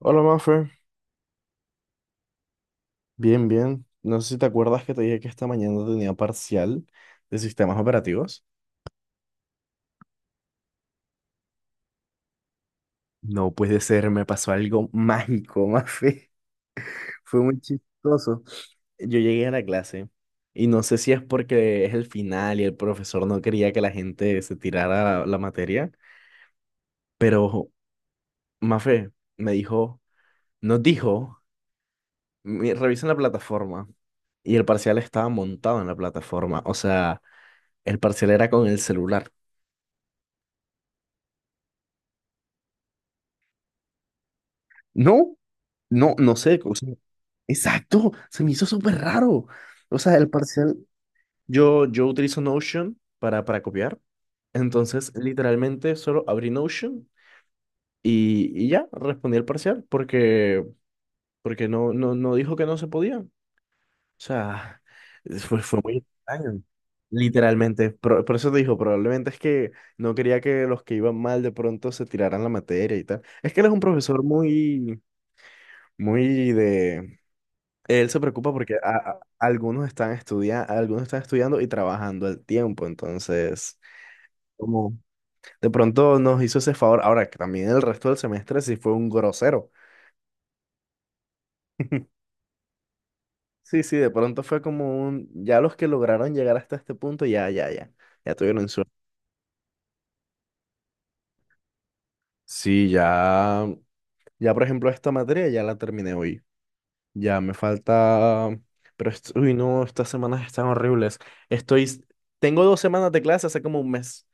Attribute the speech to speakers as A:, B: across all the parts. A: Hola, Mafe. Bien, bien. No sé si te acuerdas que te dije que esta mañana tenía parcial de sistemas operativos. No puede ser, me pasó algo mágico, Mafe. Fue muy chistoso. Yo llegué a la clase y no sé si es porque es el final y el profesor no quería que la gente se tirara la materia, pero Mafe me dijo, nos dijo, Revisen la plataforma." Y el parcial estaba montado en la plataforma, o sea, el parcial era con el celular. No, no, no sé. O sea, exacto, se me hizo súper raro. O sea, el parcial, yo utilizo Notion para copiar. Entonces, literalmente, solo abrí Notion y ya, respondí el parcial porque no dijo que no se podía. O sea, fue muy extraño. Literalmente, por eso te dijo, probablemente es que no quería que los que iban mal de pronto se tiraran la materia y tal. Es que él es un profesor muy, muy de. Él se preocupa porque algunos están estudiando y trabajando al tiempo, entonces, como de pronto nos hizo ese favor, ahora que también el resto del semestre sí fue un grosero. Sí, sí, de pronto fue como un, ya los que lograron llegar hasta este punto, ya, ya, ya, ya tuvieron suerte. Sí, ya, ya por ejemplo esta materia ya la terminé hoy. Ya, me falta. Pero, uy, no, estas semanas están horribles. Estoy. Tengo 2 semanas de clase hace como un mes.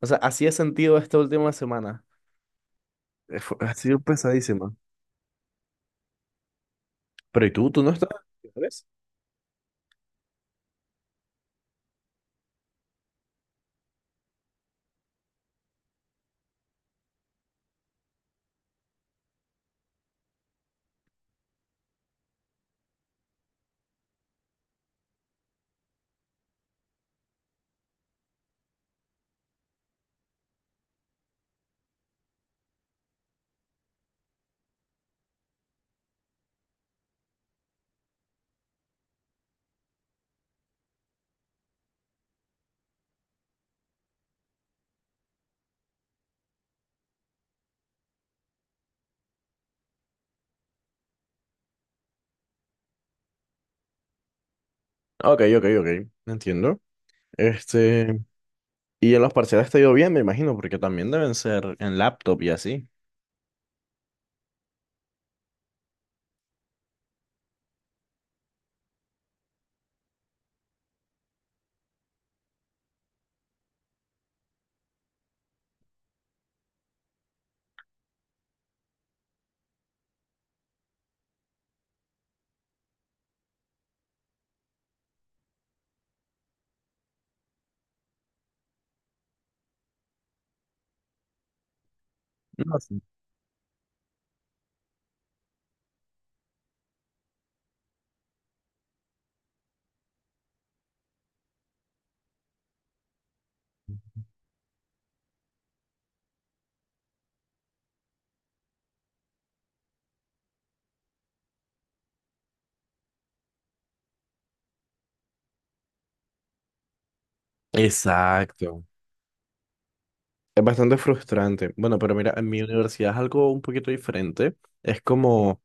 A: O sea, así he sentido esta última semana. Ha sido pesadísima. Pero, ¿y tú? ¿Tú no estás? ¿Sabes? Ok, ok, ok. Entiendo. Este. Y en los parciales te ha ido bien, me imagino, porque también deben ser en laptop y así. No, sí. Exacto. Es bastante frustrante. Bueno, pero mira, en mi universidad es algo un poquito diferente. Es como.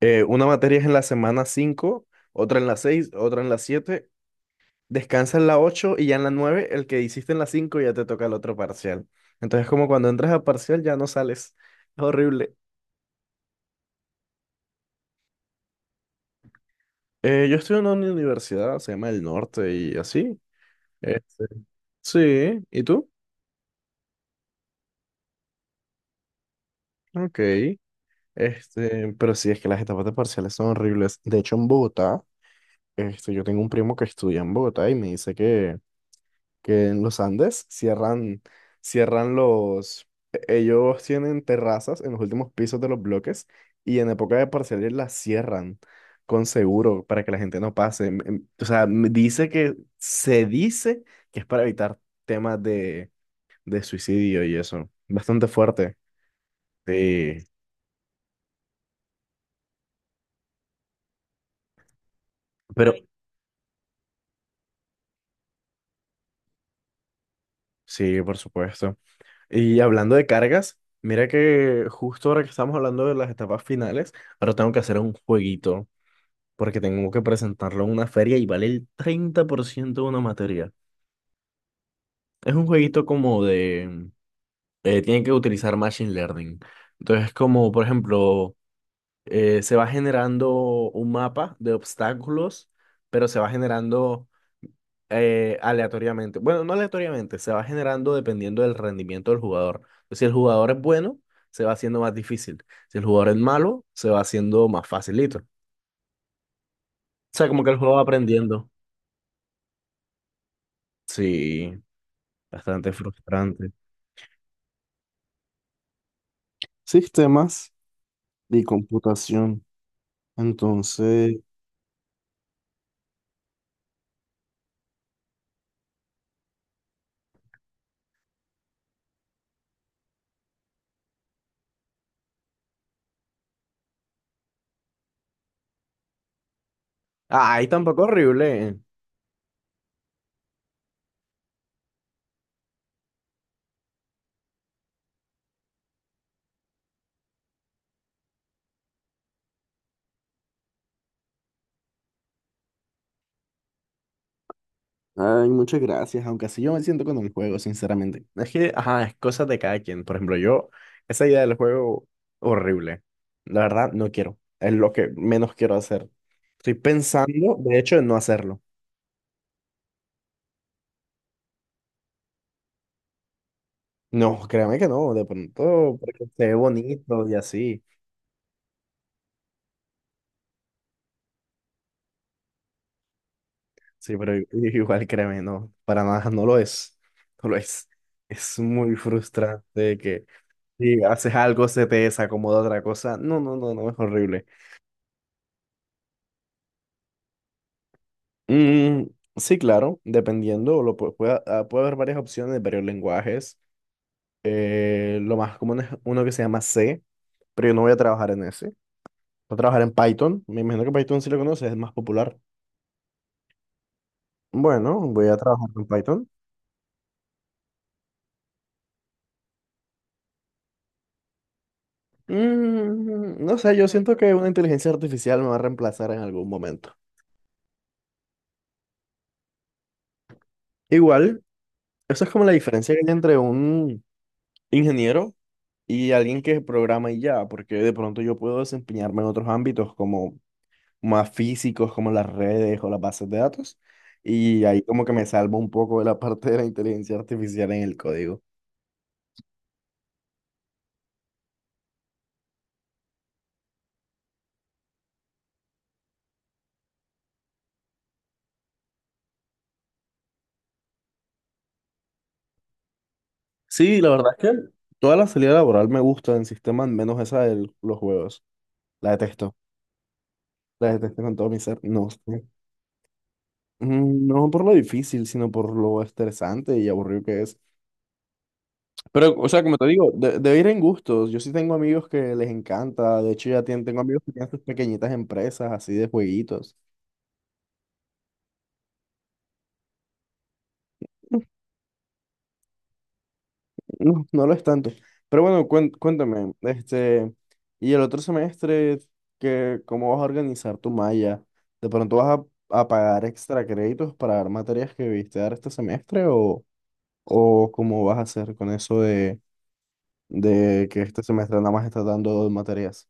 A: Una materia es en la semana cinco, otra en la seis, otra en la siete. Descansa en la 8 y ya en la nueve, el que hiciste en la 5 ya te toca el otro parcial. Entonces, como cuando entras a parcial ya no sales. Es horrible. Yo estoy en una universidad, se llama El Norte y así. Este, sí, ¿y tú? Ok. Este, pero sí, es que las etapas de parciales son horribles. De hecho, en Bogotá, este, yo tengo un primo que estudia en Bogotá y me dice que en los Andes cierran, cierran los. Ellos tienen terrazas en los últimos pisos de los bloques y en época de parciales las cierran con seguro para que la gente no pase. O sea, me dice que se dice que es para evitar temas de suicidio y eso. Bastante fuerte. Sí, pero sí, por supuesto. Y hablando de cargas, mira que justo ahora que estamos hablando de las etapas finales, ahora tengo que hacer un jueguito. Porque tengo que presentarlo en una feria y vale el 30% de una materia. Es un jueguito como de. Tiene que utilizar Machine Learning. Entonces, como por ejemplo, se va generando un mapa de obstáculos, pero se va generando aleatoriamente. Bueno, no aleatoriamente, se va generando dependiendo del rendimiento del jugador. Si el jugador es bueno, se va haciendo más difícil. Si el jugador es malo, se va haciendo más facilito. O sea, como que el juego va aprendiendo. Sí. Bastante frustrante. Sistemas y computación. Entonces, Ay, tampoco horrible. Ay, muchas gracias, aunque así yo me siento con el juego, sinceramente. Es que, ajá, es cosa de cada quien. Por ejemplo, yo, esa idea del juego, horrible. La verdad, no quiero. Es lo que menos quiero hacer. Estoy pensando, de hecho, en no hacerlo. No, créame que no, de pronto, porque se ve bonito y así. Sí, pero igual créeme, no, para nada no lo es. No lo es. Es muy frustrante que si haces algo se te desacomoda otra cosa. No, no, no, no, es horrible. Mm, sí, claro, dependiendo, puede haber varias opciones de varios lenguajes. Lo más común es uno que se llama C, pero yo no voy a trabajar en ese. Voy a trabajar en Python. Me imagino que Python sí lo conoces, es más popular. Bueno, voy a trabajar con Python. No sé, yo siento que una inteligencia artificial me va a reemplazar en algún momento. Igual, eso es como la diferencia que hay entre un ingeniero y alguien que programa y ya, porque de pronto yo puedo desempeñarme en otros ámbitos como más físicos, como las redes o las bases de datos, y ahí como que me salvo un poco de la parte de la inteligencia artificial en el código. Sí, la verdad es que toda la salida laboral me gusta en sistemas, menos esa de los juegos. La detesto, la detesto con todo mi ser, no sé. Mm, no por lo difícil, sino por lo estresante y aburrido que es. Pero, o sea, como te digo, debe ir en gustos. Yo sí tengo amigos que les encanta. De hecho, ya tengo amigos que tienen sus pequeñitas empresas así de jueguitos. No, no, no lo es tanto. Pero bueno, cuéntame, este, y el otro semestre, que, ¿cómo vas a organizar tu malla? ¿De pronto vas a pagar extra créditos para dar materias que viste dar este semestre o cómo vas a hacer con eso de que este semestre nada más está dando dos materias?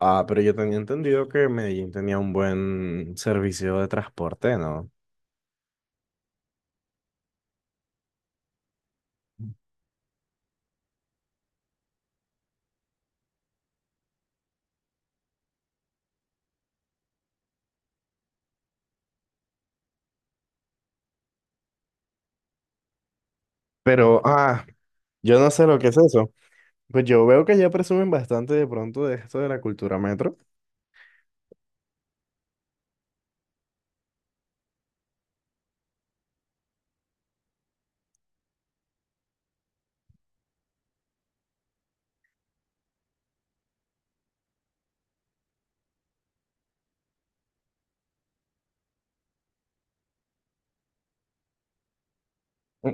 A: Ah, pero yo tenía entendido que Medellín tenía un buen servicio de transporte, ¿no? Pero, ah, yo no sé lo que es eso. Pues yo veo que ya presumen bastante de pronto de esto de la cultura metro. Un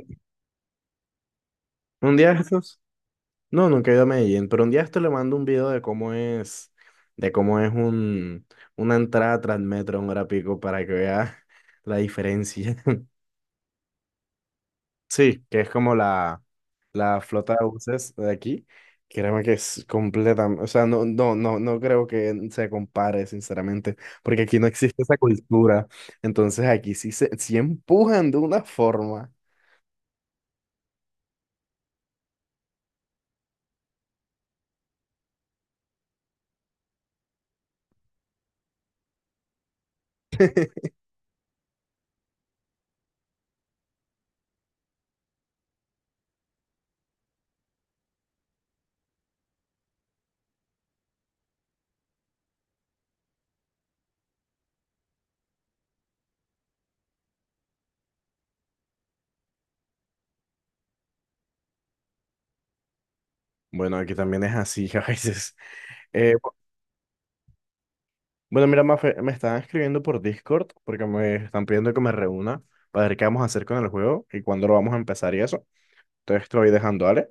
A: un día de estos, no, nunca he ido a Medellín, pero un día esto le mando un video de cómo es, de cómo es una entrada Transmetro en hora pico para que vea la diferencia. Sí, que es como la flota de buses de aquí. Créeme que es completamente, o sea, no, no, no, no creo que se compare, sinceramente, porque aquí no existe esa cultura. Entonces aquí sí sí empujan de una forma. Bueno, aquí también es así a veces. Eh, bu- bueno, mira, Mafe, me están escribiendo por Discord porque me están pidiendo que me reúna para ver qué vamos a hacer con el juego y cuándo lo vamos a empezar y eso. Entonces estoy dejando, ¿vale?